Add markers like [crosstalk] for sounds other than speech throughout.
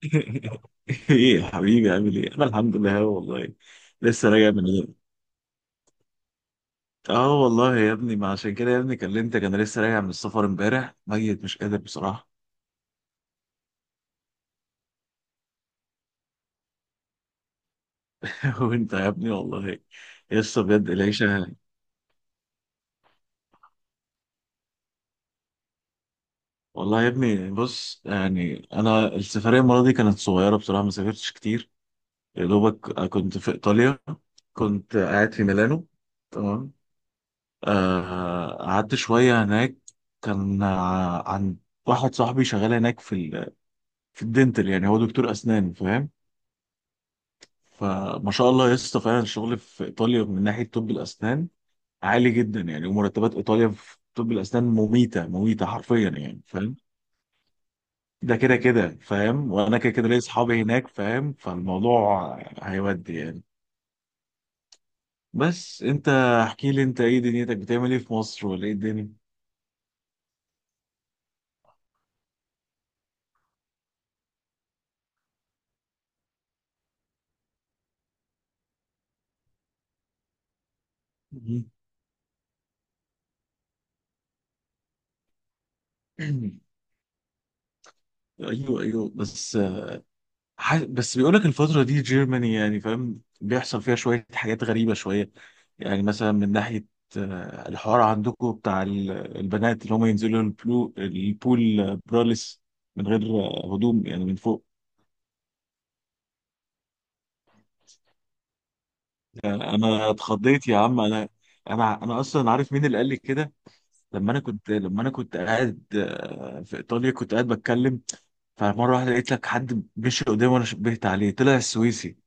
[laughs] ايه يا حبيبي، عامل ايه؟ انا الحمد لله أهو والله. لسه راجع من اليوم. اه والله يا ابني، ما عشان كده يا ابني كلمتك، انا لسه راجع من السفر امبارح ميت، مش قادر بصراحه. [laughs] وانت يا ابني والله. لسه بجد العيشه. والله يا ابني بص، يعني انا السفريه المره دي كانت صغيره بصراحه، ما سافرتش كتير. يا دوبك كنت في ايطاليا. كنت قاعد في ميلانو. تمام. قعدت شويه هناك. كان عن واحد صاحبي شغال هناك في الدنتال، يعني هو دكتور اسنان، فاهم. فما شاء الله يا اسطى، فعلا الشغل في ايطاليا من ناحيه طب الاسنان عالي جدا يعني، ومرتبات ايطاليا في طب الاسنان مميته مميته حرفيا يعني، فاهم. ده كده كده فاهم، وانا كده كده ليا اصحابي هناك فاهم، فالموضوع هيودي يعني. بس انت احكي لي، انت ايه دنيتك، بتعمل ايه في مصر ولا ايه الدنيا؟ مهم. [clears throat] ايوه ايوه، بس بس بيقول لك الفترة دي جيرماني، يعني فاهم بيحصل فيها شوية حاجات غريبة شوية. يعني مثلا من ناحية الحوار عندكم بتاع البنات اللي هم ينزلوا البلو البول، براليس، من غير هدوم يعني من فوق. يعني انا اتخضيت يا عم. انا انا اصلا عارف مين اللي قال لي كده. لما انا كنت قاعد في ايطاليا، كنت قاعد بتكلم. فمره واحده لقيت لك حد مشي قدامي وانا شبهت عليه، طلع السويسي.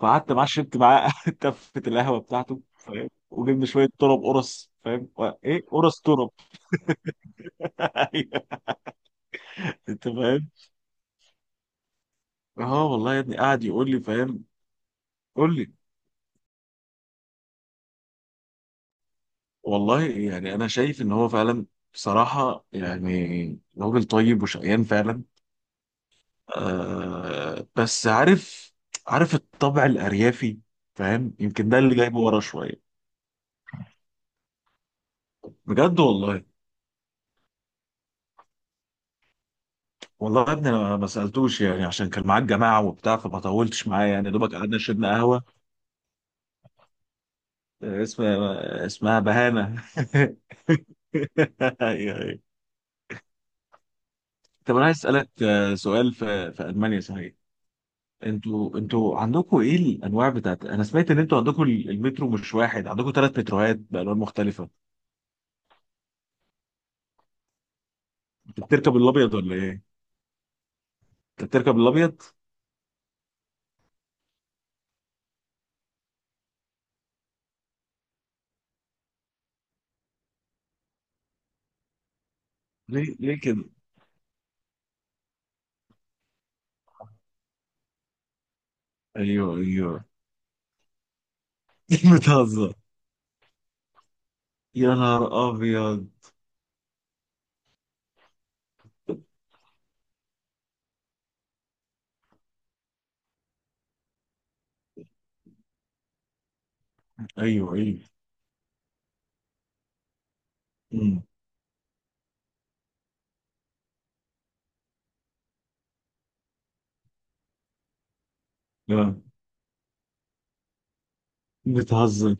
فقعدت معاه، شربت معاه [laughs] تفة القهوة بتاعته فاهم، وجبنا شوية طرب قرص فاهم ايه، قرص طرب. [laughs] أيوة. انت فاهم. اه والله يا ابني قاعد يقول لي فاهم. قول لي. والله يعني انا شايف ان هو فعلا، بصراحة يعني راجل طيب وشقيان فعلا. آه بس عارف الطبع الأريافي، فاهم. يمكن ده اللي جايبه ورا شوية. بجد والله. والله يا ابني انا ما سألتوش يعني، عشان كان معاك جماعة وبتاع، فما طولتش معاه يعني، دوبك قعدنا شربنا قهوة. اسمها بهانة. [laughs] أيوه، أيوه. طب انا عايز اسالك سؤال، في المانيا صحيح؟ انتوا عندكم ايه الانواع بتاعت، انا سمعت ان انتوا عندكم المترو مش واحد، عندكم ثلاث متروهات بالوان مختلفه. انت بتركب الابيض ولا ايه؟ انت بتركب الابيض؟ ليه ليه كده؟ ايوه ايوه. [laughs] بتهزر. يا نهار ابيض. ايوه ايوه، امم لا، بتهزر.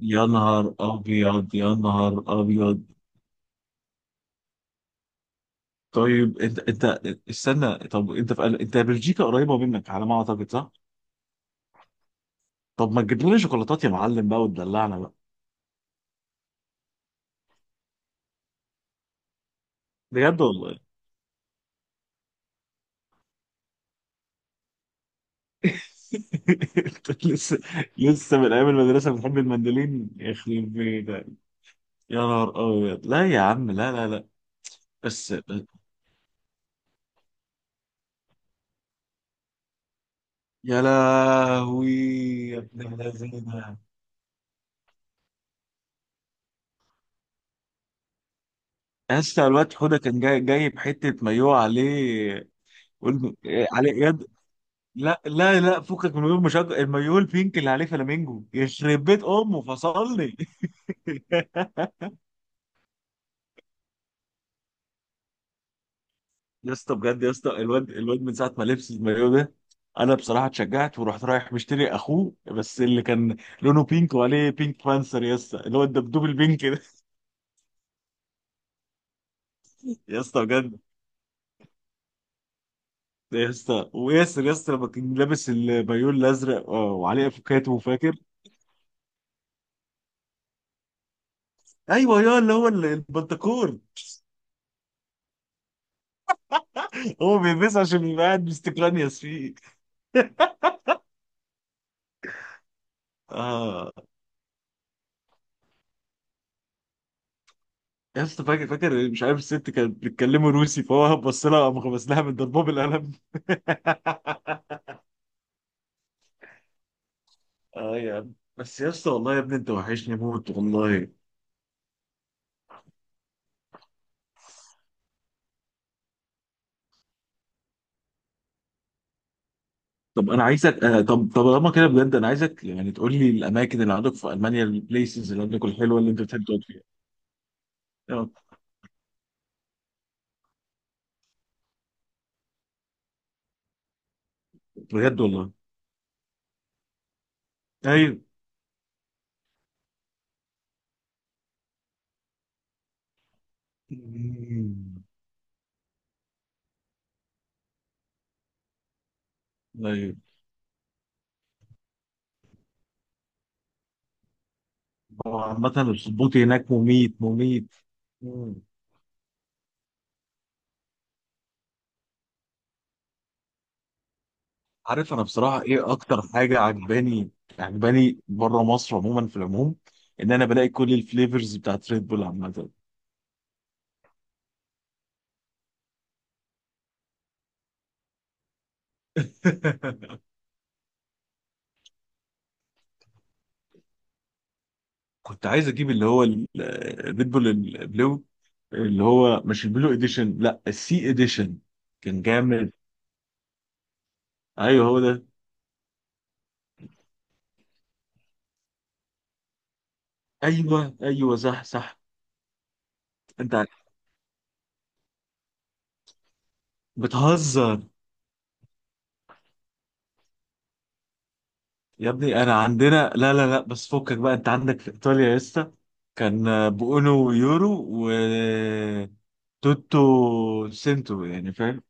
يا نهار ابيض، يا نهار ابيض. طيب انت استنى. طب انت بلجيكا قريبه منك على ما اعتقد، صح؟ طب ما تجيب لنا شوكولاتات يا معلم بقى، وتدلعنا بقى. بجد والله. [laughs] انت لسه لسه من ايام المدرسه بتحب المندلين يخرب بيتك. يا نهار ابيض، لا يا عم، لا لا لا. بس يا لهوي، يا ابن الذين. اسطى الواد حوده كان جاي جايب حته مايوه عليه. إيه، عليه يد. لا لا لا، فكك من غير مشجع، المايو البينك اللي عليه فلامينجو، يخرب بيت امه فصلني. [laughs] يا اسطى بجد. يا اسطى الواد من ساعه ما لبس المايو ده، انا بصراحه اتشجعت ورحت رايح مشتري اخوه، بس اللي كان لونه بينك وعليه بينك بانسر، يا اسطى اللي هو الدبدوب البينك ده. [laughs] يا اسطى بجد. يا اسطى وياسر، يا اسطى لما كان لابس المايو الازرق وعليه افوكاتو، فاكر؟ ايوه، يا اللي هو البنتكور. [laughs] هو بيلبسه عشان يبقى قاعد مستقلنيس فيه. اه يا اسطى فاكر فاكر، مش عارف الست كانت بتتكلموا روسي، فهو بص لها، قام غمس لها من ضربه بالقلم. اه يا عم، بس يا اسطى والله يا ابني انت وحشني موت والله. طب انا عايزك طب لما كده بجد، انا عايزك يعني تقول لي الاماكن اللي عندك في المانيا، البليسز اللي عندك الحلوه اللي انت بتحب تقعد فيها. آه، بجد والله. ايوه. مم. ايوه. هو عامة الصبوتي هناك مميت مميت. مم. عارف انا بصراحه ايه اكتر حاجه عجباني؟ بره مصر عموما في العموم، ان انا بلاقي كل الفليفرز بتاعت ريد بول عامه. [laughs] كنت عايز اجيب اللي هو الريد بول البلو، اللي هو مش البلو اديشن، لا السي اديشن. كان جامد. ايوه هو ده. ايوه ايوه، صح صح. انت بتهزر. يا ابني انا عندنا لا لا لا، بس فكك بقى، انت عندك في ايطاليا يا اسطى كان بأونو ويورو و توتو سنتو يعني، فاهم.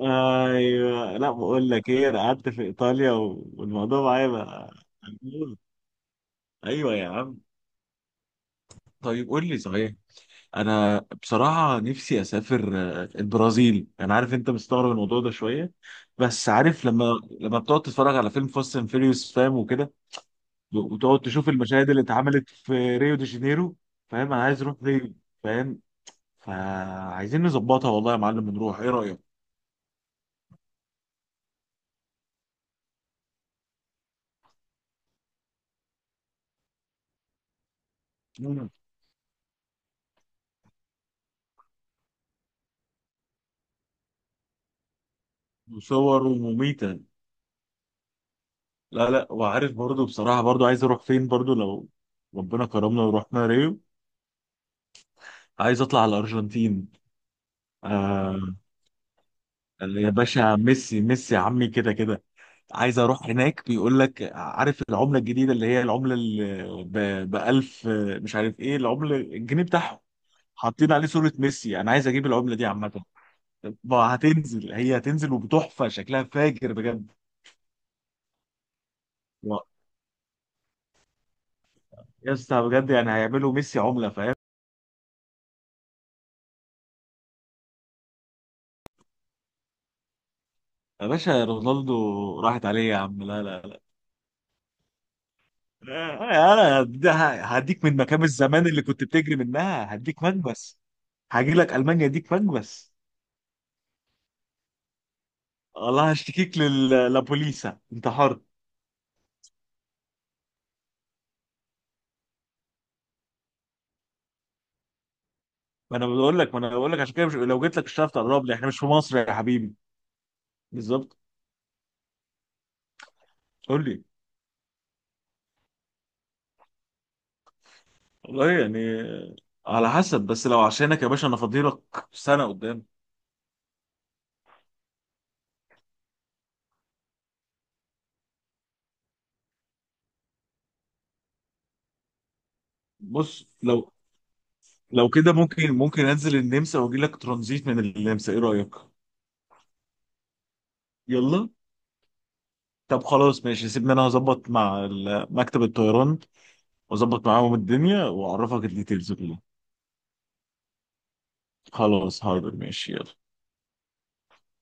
ايوه. لا بقول لك ايه، انا قعدت في ايطاليا والموضوع معايا بقى. ايوه يا عم. طيب قول لي صحيح، انا بصراحه نفسي اسافر البرازيل. انا عارف انت مستغرب الموضوع ده شويه، بس عارف لما بتقعد تتفرج على فيلم فاست اند فيريوس فاهم وكده، وتقعد تشوف المشاهد اللي اتعملت في ريو دي جانيرو، فاهم. انا عايز اروح ريو، فاهم. فعايزين نظبطها والله يا معلم ونروح، ايه رأيك؟ مم. وصور ومميتة. لا لا، وعارف برضو بصراحة، برضو عايز اروح فين برضو لو ربنا كرمنا ورحنا ريو؟ عايز اطلع على الارجنتين. آه يا باشا، ميسي ميسي يا عمي، كده كده. عايز اروح هناك. بيقول لك عارف العملة الجديدة، اللي هي العملة اللي ب 1000، مش عارف ايه العملة، الجنيه بتاعهم، حاطين عليه صورة ميسي. انا عايز اجيب العملة دي عامة. ما هتنزل، هي هتنزل وبتحفة، شكلها فاجر بجد. و- يا اسطى بجد، يعني هيعملوا ميسي عملة، فاهم. يا باشا رونالدو راحت عليه يا عم، لا لا لا. انا ده هديك من مكان الزمان اللي كنت بتجري منها، هديك مكبس. هاجي لك المانيا، اديك مكبس. والله هشتكيك للبوليسا، انت حر. ما انا بقول لك عشان كده مش... لو جيت لك مش هتعرف تقرب لي، احنا مش في مصر يا حبيبي. بالظبط. قول لي. والله يعني على حسب، بس لو عشانك يا باشا انا فاضيلك سنه قدام. بص لو لو كده ممكن، انزل النمسا واجي لك ترانزيت من النمسا، ايه رايك؟ يلا. طب خلاص ماشي، سيبني انا هظبط مع مكتب الطيران، واظبط معاهم الدنيا، واعرفك الديتيلز كلها. خلاص حاضر ماشي يلا.